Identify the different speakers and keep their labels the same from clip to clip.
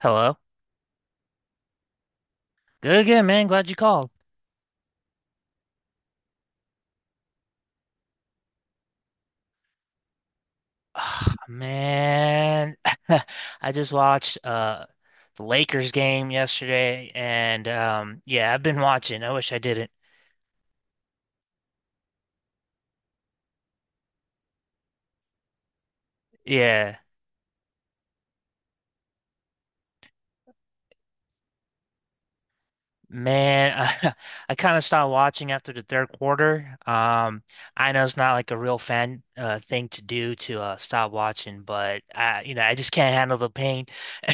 Speaker 1: Hello. Good again, man. Glad you called. Ah, man, I just watched the Lakers game yesterday and yeah, I've been watching. I wish I didn't. Yeah. Man, I, I kind of stopped watching after the third quarter. I know it's not like a real fan thing to do to stop watching, but I, you know, I just can't handle the pain.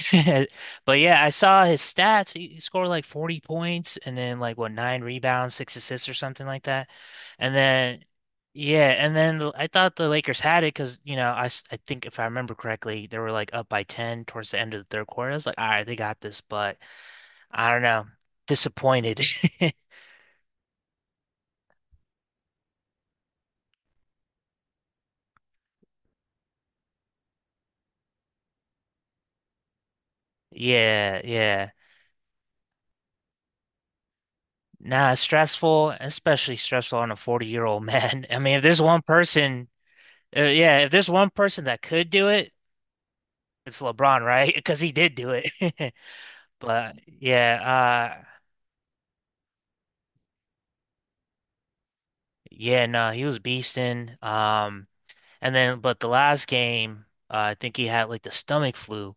Speaker 1: But yeah, I saw his stats. He scored like 40 points and then like what nine rebounds, six assists or something like that. And then yeah, and then I thought the Lakers had it because you know I think if I remember correctly, they were like up by 10 towards the end of the third quarter. I was like, all right, they got this, but. I don't know. Disappointed. Yeah, yeah. Nah, it's stressful, especially stressful on a 40-year-old man. I mean, if there's one person, yeah, if there's one person that could do it, it's LeBron, right? Because he did do it. But yeah, yeah, no, he was beasting. And then but the last game, I think he had like the stomach flu,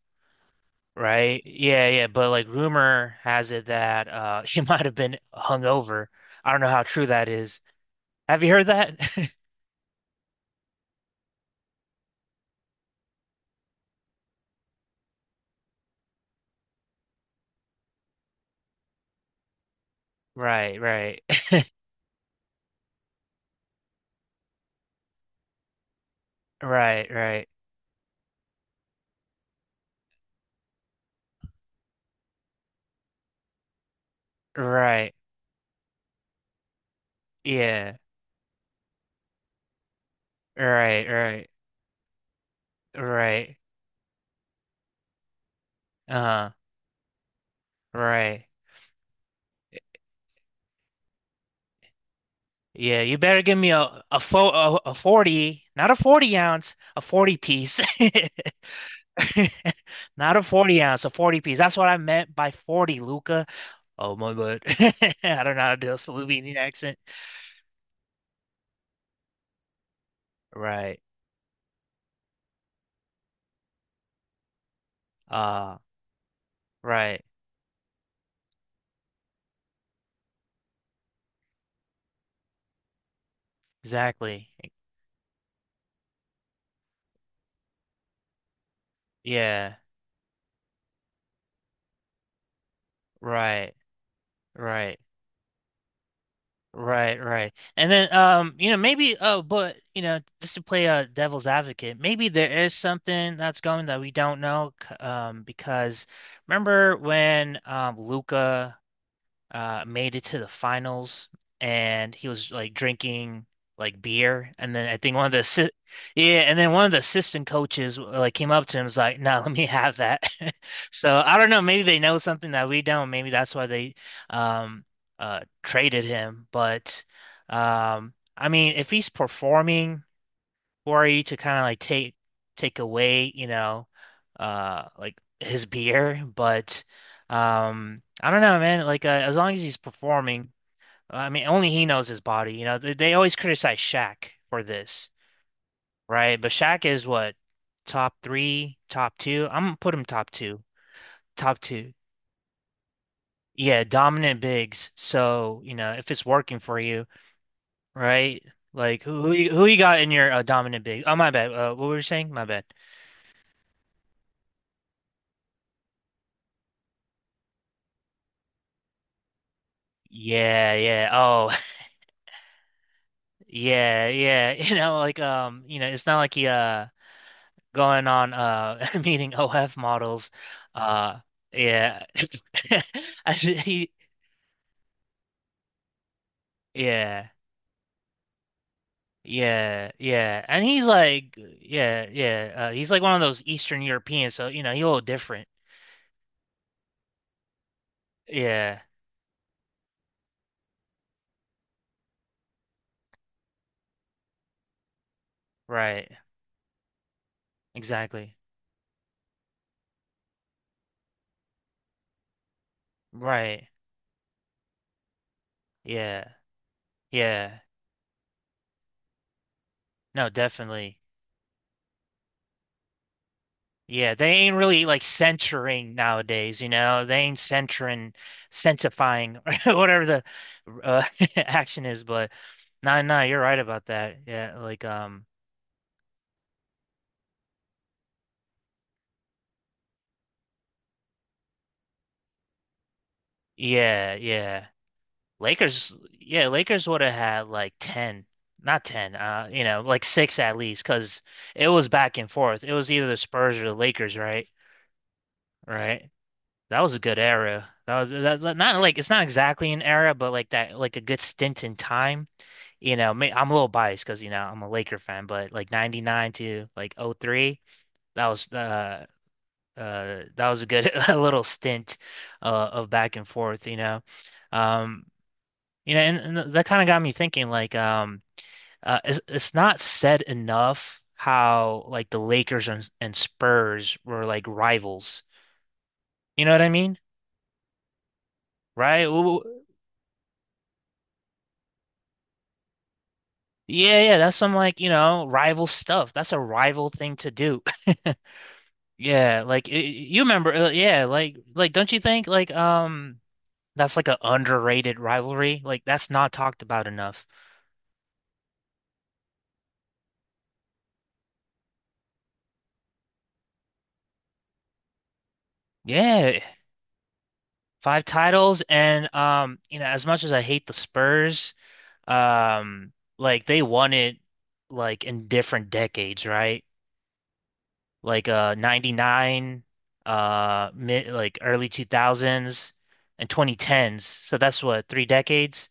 Speaker 1: right? Yeah, yeah, but like rumor has it that he might have been hungover. I don't know how true that is. Have you heard that? Right, right, right, right, right. Yeah, right, right, right. Uh, right. Yeah, you better give me a 40, not a 40 ounce, a 40 piece. Not a 40 ounce, a 40 piece. That's what I meant by 40, Luca. Oh my God. I don't know how to do a Slovenian accent. Right. Uh, right. Exactly. Yeah. Right. Right. Right, right. And then you know, maybe oh, but you know, just to play a devil's advocate, maybe there is something that's going that we don't know because remember when Luca made it to the finals, and he was like drinking like beer, and then I think one of the assi- yeah, and then one of the assistant coaches like came up to him and was like, "No, let me have that." So I don't know. Maybe they know something that we don't. Maybe that's why they um traded him. But I mean, if he's performing for you to kind of like take away, you know, like his beer, but I don't know, man, like as long as he's performing, I mean only he knows his body, you know. They always criticize Shaq for this, right? But Shaq is what top 3, top 2. I'm gonna put him top 2. Top 2. Yeah, dominant bigs. So, you know, if it's working for you, right? Like who you got in your dominant big? Oh my bad. What were you saying? My bad. Yeah, yeah. Oh, yeah, yeah. You know, like you know, it's not like he going on meeting OF models. Uh yeah. I should- he yeah. Yeah, yeah. And he's like yeah, yeah. He's like one of those Eastern Europeans, so you know, he's a little different. Yeah, right. Exactly. Right. Yeah. Yeah. No, definitely. Yeah, they ain't really like censoring nowadays, you know. They ain't censoring, censorifying, whatever the uh, action is. But no, no, you're right about that. Yeah, like yeah, yeah. Yeah, Lakers would have had like ten, not ten, you know, like six at least, because it was back and forth. It was either the Spurs or the Lakers, right? Right. That was a good era. That was that, that- Not like it's not exactly an era, but like that, like a good stint in time you know, I'm a little biased because you know I'm a Laker fan, but like '99 to like '03, that was uh that was a good a little stint of back and forth, um, you know, and that kind of got me thinking like it's not said enough how like the Lakers and Spurs were like rivals, you know what I mean, right? Ooh, yeah, yeah, that's some like you know rival stuff. That's a rival thing to do. Yeah, like you remember, yeah, like don't you think like that's like an underrated rivalry? Like that's not talked about enough. Yeah, five titles and you know as much as I hate the Spurs, um like they won it like in different decades, right? Like 99 mid like early 2000s and 2010s. So that's what 3 decades.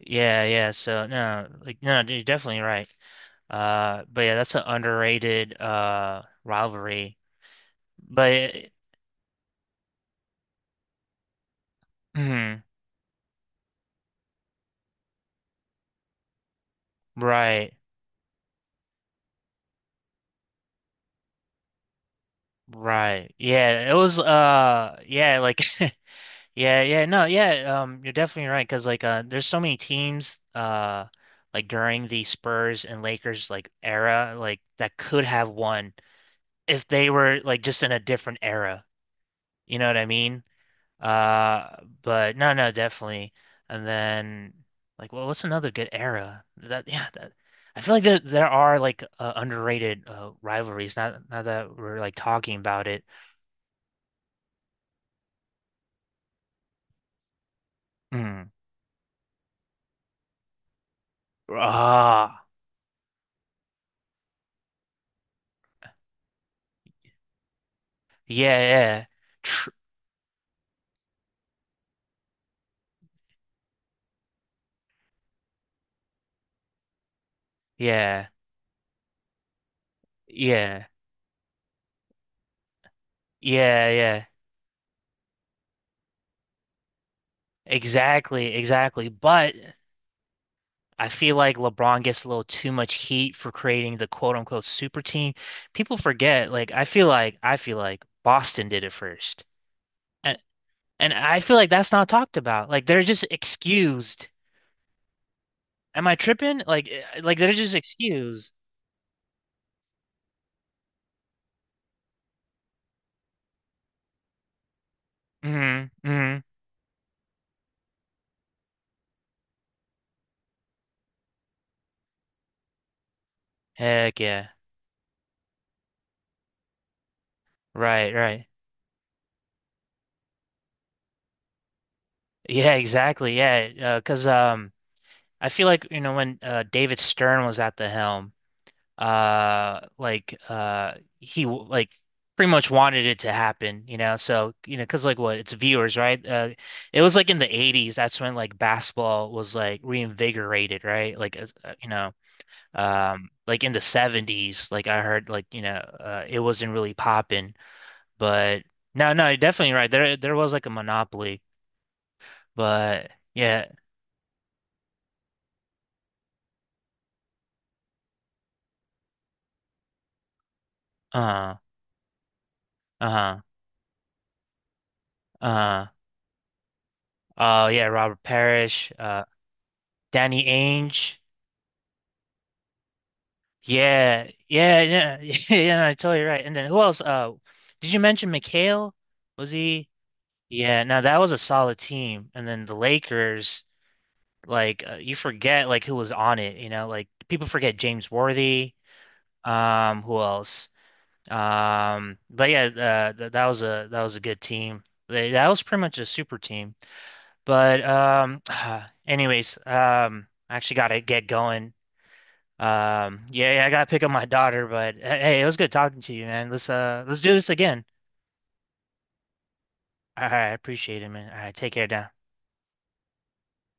Speaker 1: Yeah, yeah. So no, like no, you're definitely right. But yeah, that's an underrated rivalry. But mhm, right, right. Yeah, it was yeah, like yeah, yeah. No, yeah. You're definitely right because like there's so many teams like during the Spurs and Lakers like era like that could have won if they were like just in a different era. You know what I mean? Uh, but no, no, definitely. And then like, well, what's another good era? That Yeah, that I feel like there are like underrated rivalries. Not now that we're like talking about it. Mm. Ah, yeah, yeah, Tr yeah, yeah, yeah, yeah. Exactly, exactly. But I feel like LeBron gets a little too much heat for creating the quote unquote super team. People forget. Like I feel like Boston did it first. A- And I feel like that's not talked about. Like they're just excused. Am I tripping? Like like they're just excused. Hmm, hmm. Heck yeah. Right, right. Yeah, exactly. Yeah, 'cause I feel like, you know, when David Stern was at the helm, like pretty much wanted it to happen, you know. So, you know, 'cause like what, it's viewers, right? It was like in the 80s, that's when like basketball was like reinvigorated, right? Like you know, like in the 70s like I heard like you know it wasn't really popping, but no, no, you're definitely right, there was like a monopoly, but yeah, uh uh uh oh yeah, Robert Parrish, Danny Ainge, yeah, yeah, yeah. Yeah, no, I totally right, and then who else did you mention McHale, was he yeah, no, that was a solid team, and then the Lakers like you forget like who was on it, you know, like people forget James Worthy. Who else? But yeah, th that was a good team. That was pretty much a super team. But anyways, I actually gotta get going. Yeah, yeah, I gotta pick up my daughter. But hey, hey, it was good talking to you, man. Let's do this again. All right, I appreciate it, man. All right, take care now.